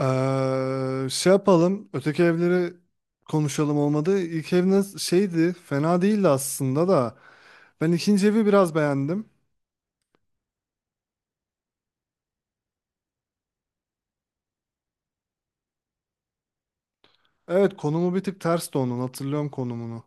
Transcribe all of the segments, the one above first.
Şey yapalım. Öteki evleri konuşalım, olmadı. İlk eviniz şeydi. Fena değildi aslında da. Ben ikinci evi biraz beğendim. Evet, konumu bir tık tersti onun. Hatırlıyorum konumunu.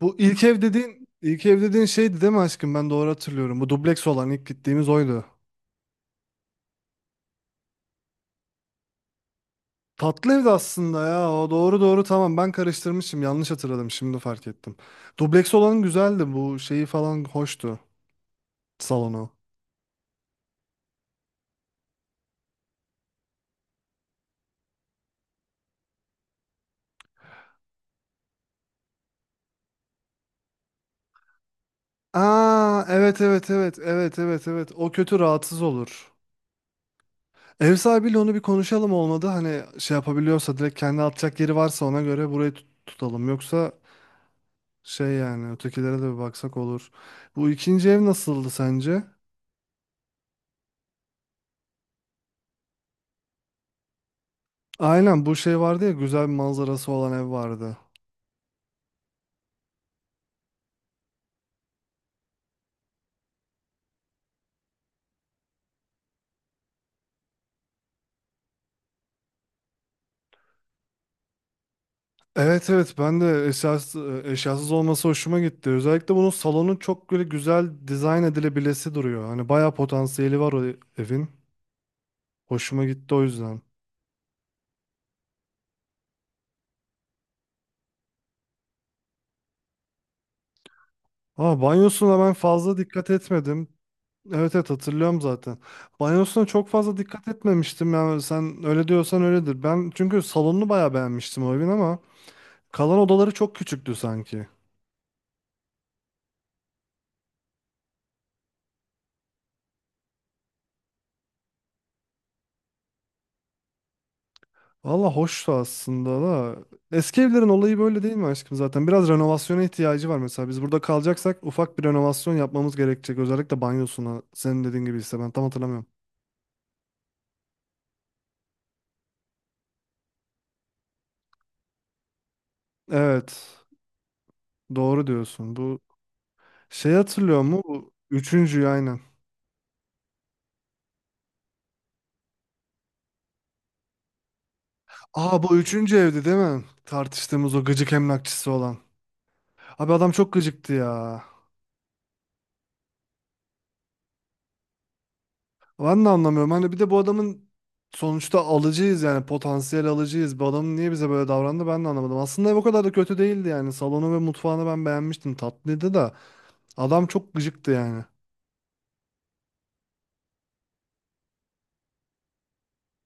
Bu ilk ev dediğin şeydi değil mi aşkım? Ben doğru hatırlıyorum. Bu dubleks olan ilk gittiğimiz oydu. Tatlı evdi aslında ya. O doğru doğru, tamam. Ben karıştırmışım. Yanlış hatırladım. Şimdi fark ettim. Dubleks olan güzeldi. Bu şeyi falan hoştu. Salonu. Aa, evet, evet, evet, evet, evet, evet, o kötü, rahatsız olur. Ev sahibiyle onu bir konuşalım, olmadı. Hani şey yapabiliyorsa direkt, kendi atacak yeri varsa ona göre burayı tutalım. Yoksa şey, yani ötekilere de bir baksak olur. Bu ikinci ev nasıldı sence? Aynen, bu şey vardı ya, güzel bir manzarası olan ev vardı. Evet, evet, ben de eşyasız olması hoşuma gitti. Özellikle bunun salonu çok böyle güzel dizayn edilebilesi duruyor. Hani bayağı potansiyeli var o evin. Hoşuma gitti o yüzden. Ama banyosuna ben fazla dikkat etmedim. Evet, evet, hatırlıyorum zaten. Banyosuna çok fazla dikkat etmemiştim. Yani sen öyle diyorsan öyledir. Ben çünkü salonunu bayağı beğenmiştim o evin, ama kalan odaları çok küçüktü sanki. Valla hoştu aslında da. Eski evlerin olayı böyle değil mi aşkım zaten? Biraz renovasyona ihtiyacı var mesela. Biz burada kalacaksak ufak bir renovasyon yapmamız gerekecek. Özellikle banyosuna. Senin dediğin gibi ise ben tam hatırlamıyorum. Evet. Doğru diyorsun. Bu şey hatırlıyor mu? Bu üçüncüyü, aynen. Aa, bu üçüncü evdi değil mi? Tartıştığımız o gıcık emlakçısı olan. Abi adam çok gıcıktı ya. Ben de anlamıyorum. Hani bir de bu adamın, sonuçta alıcıyız, yani potansiyel alıcıyız. Bu adamın niye bize böyle davrandı ben de anlamadım. Aslında ev o kadar da kötü değildi yani. Salonu ve mutfağını ben beğenmiştim. Tatlıydı da adam çok gıcıktı yani.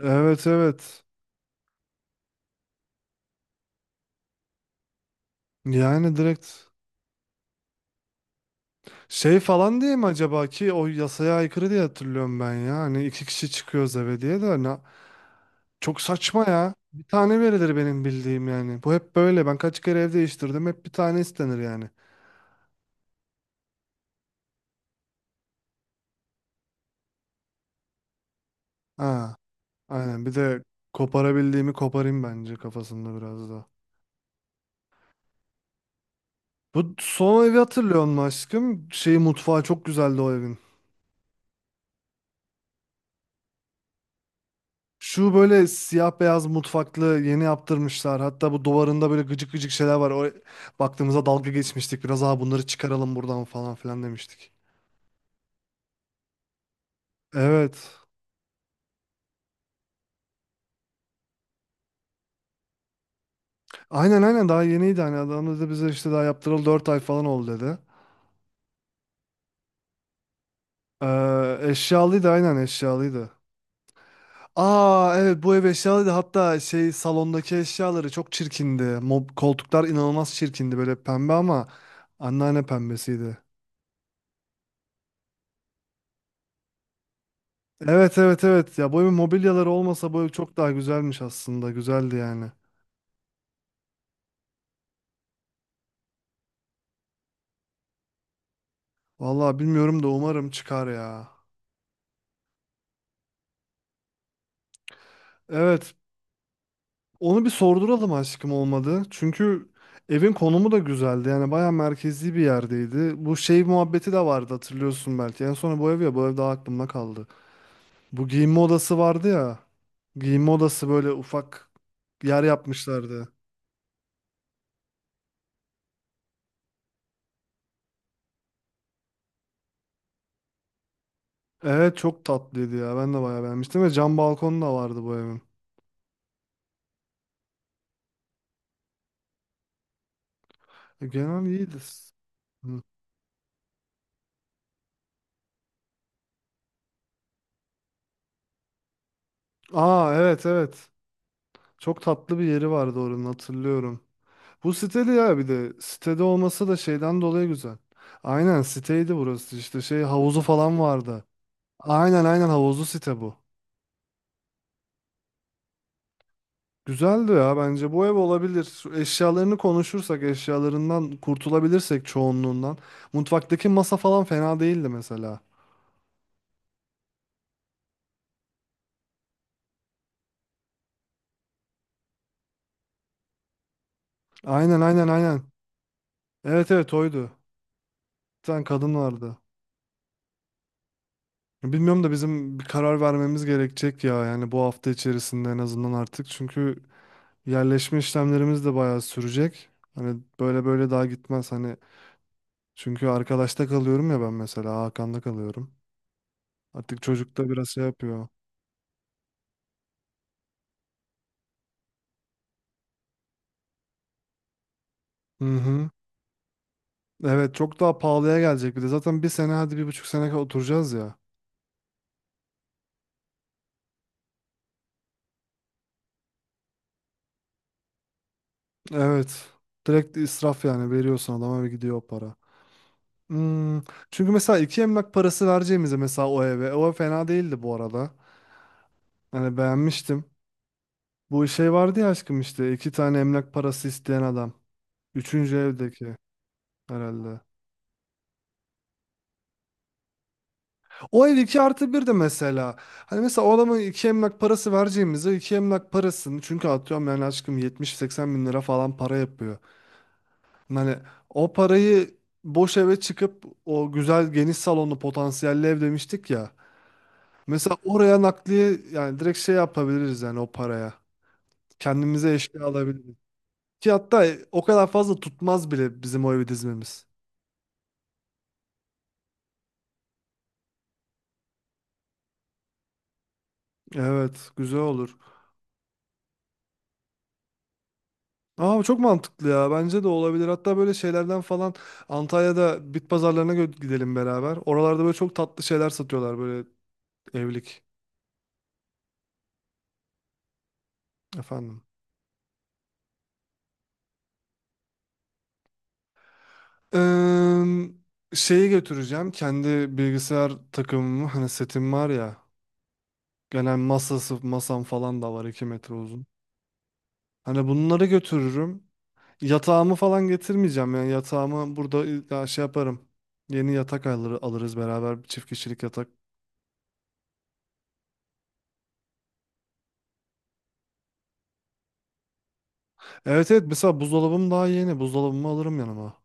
Evet, evet. Yani direkt şey falan diye mi acaba, ki o yasaya aykırı diye hatırlıyorum ben ya. Hani iki kişi çıkıyoruz eve diye de ne, çok saçma ya. Bir tane verilir benim bildiğim yani. Bu hep böyle. Ben kaç kere ev değiştirdim. Hep bir tane istenir yani. Ha, aynen. Bir de koparabildiğimi koparayım bence kafasında biraz da. Bu son evi hatırlıyor musun aşkım? Şeyi, mutfağı çok güzeldi o evin. Şu böyle siyah beyaz mutfaklı, yeni yaptırmışlar. Hatta bu duvarında böyle gıcık gıcık şeyler var. O baktığımızda dalga geçmiştik. Biraz daha bunları çıkaralım buradan falan filan demiştik. Evet. Aynen, aynen, daha yeniydi. Hani adam da bize işte daha yaptıralı 4 ay falan oldu dedi. Eşyalıydı, aynen, eşyalıydı. Aa, evet, bu ev eşyalıydı. Hatta şey, salondaki eşyaları çok çirkindi. Koltuklar inanılmaz çirkindi, böyle pembe, ama anneanne pembesiydi. Evet, evet, evet ya, bu evin mobilyaları olmasa bu ev çok daha güzelmiş aslında. Güzeldi yani. Vallahi bilmiyorum da umarım çıkar ya. Evet. Onu bir sorduralım aşkım, olmadı. Çünkü evin konumu da güzeldi. Yani bayağı merkezi bir yerdeydi. Bu şey muhabbeti de vardı, hatırlıyorsun belki. En son bu ev, ya bu ev daha aklımda kaldı. Bu giyinme odası vardı ya. Giyinme odası böyle ufak yer yapmışlardı. Evet, çok tatlıydı ya. Ben de bayağı beğenmiştim ve cam balkonu da vardı bu evin. Genel iyiydi. Hı. Aa, evet, evet. Çok tatlı bir yeri vardı oranın, hatırlıyorum. Bu siteli ya, bir de sitede olması da şeyden dolayı güzel. Aynen, siteydi burası, işte şey havuzu falan vardı. Aynen, aynen, havuzlu site bu. Güzeldi ya, bence bu ev olabilir. Şu eşyalarını konuşursak, eşyalarından kurtulabilirsek çoğunluğundan. Mutfaktaki masa falan fena değildi mesela. Aynen, aynen, aynen. Evet, evet, oydu. Bir tane kadın vardı. Bilmiyorum da bizim bir karar vermemiz gerekecek ya, yani bu hafta içerisinde en azından artık, çünkü yerleşme işlemlerimiz de bayağı sürecek. Hani böyle böyle daha gitmez. Hani çünkü arkadaşta kalıyorum ya ben, mesela Hakan'da kalıyorum. Artık çocuk da biraz şey yapıyor. Hı hı. Evet, çok daha pahalıya gelecek bir de. Zaten bir sene, hadi bir buçuk sene oturacağız ya. Evet. Direkt israf yani, veriyorsun adama ve gidiyor o para. Hmm. Çünkü mesela iki emlak parası vereceğimize mesela o eve. O ev fena değildi bu arada. Hani beğenmiştim. Bu şey vardı ya aşkım, işte iki tane emlak parası isteyen adam. Üçüncü evdeki. Herhalde. O ev 2+1 de mesela. Hani mesela o adama 2 emlak parası vereceğimize, 2 emlak parasını, çünkü atıyorum yani aşkım, 70 seksen bin lira falan para yapıyor. Hani o parayı boş eve çıkıp, o güzel geniş salonlu potansiyelli ev demiştik ya. Mesela oraya nakliye yani, direkt şey yapabiliriz yani o paraya. Kendimize eşya alabiliriz. Ki hatta o kadar fazla tutmaz bile bizim o evi dizmemiz. Evet, güzel olur. Aa, bu çok mantıklı ya. Bence de olabilir. Hatta böyle şeylerden falan Antalya'da bit pazarlarına gidelim beraber. Oralarda böyle çok tatlı şeyler satıyorlar, böyle evlik. Efendim. Şeyi götüreceğim. Kendi bilgisayar takımımı, hani setim var ya. Genel masam falan da var, 2 metre uzun. Hani bunları götürürüm. Yatağımı falan getirmeyeceğim, yani yatağımı burada ya şey yaparım. Yeni yatak alırız beraber, bir çift kişilik yatak. Evet, evet, mesela buzdolabım daha yeni. Buzdolabımı alırım yanıma.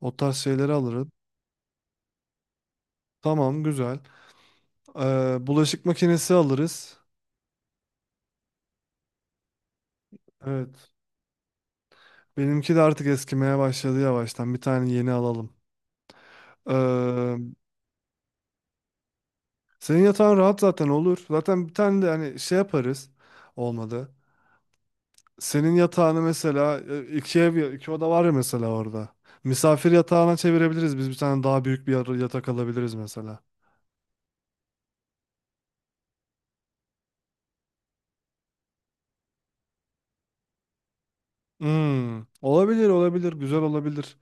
O tarz şeyleri alırım. Tamam, güzel. Bulaşık makinesi alırız. Evet. Benimki de artık eskimeye başladı yavaştan. Bir tane yeni alalım. Ee, Senin yatağın rahat zaten, olur. Zaten bir tane de hani şey yaparız. Olmadı. Senin yatağını mesela iki ev iki oda var ya mesela orada. Misafir yatağına çevirebiliriz. Biz bir tane daha büyük bir yatak alabiliriz mesela. Hmm, olabilir, olabilir, güzel olabilir.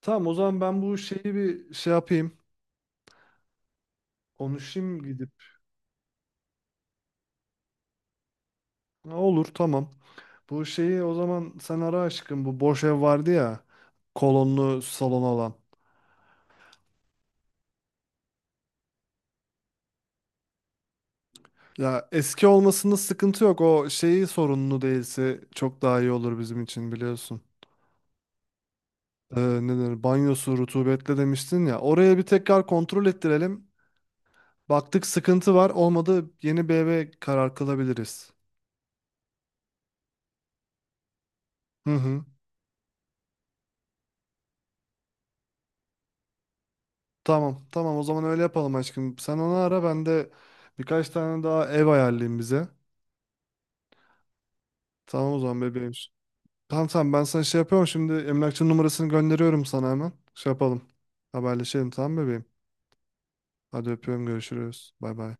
Tamam, o zaman ben bu şeyi bir şey yapayım. Konuşayım gidip. Ha, olur, tamam. Bu şeyi o zaman sen ara aşkım. Bu boş ev vardı ya. Kolonlu salon olan. Ya, eski olmasında sıkıntı yok. O şeyi sorunlu değilse çok daha iyi olur bizim için, biliyorsun. Ne denir? Banyosu rutubetli demiştin ya. Oraya bir tekrar kontrol ettirelim. Baktık sıkıntı var, olmadı, yeni bir eve karar kılabiliriz. Hı hı. Tamam, tamam, o zaman öyle yapalım aşkım. Sen onu ara, ben de birkaç tane daha ev ayarlayayım bize. Tamam, o zaman bebeğim. Tamam, tamam, ben sana şey yapıyorum şimdi, emlakçının numarasını gönderiyorum sana hemen. Şey yapalım. Haberleşelim, tamam bebeğim. Hadi öpüyorum, görüşürüz. Bay bay.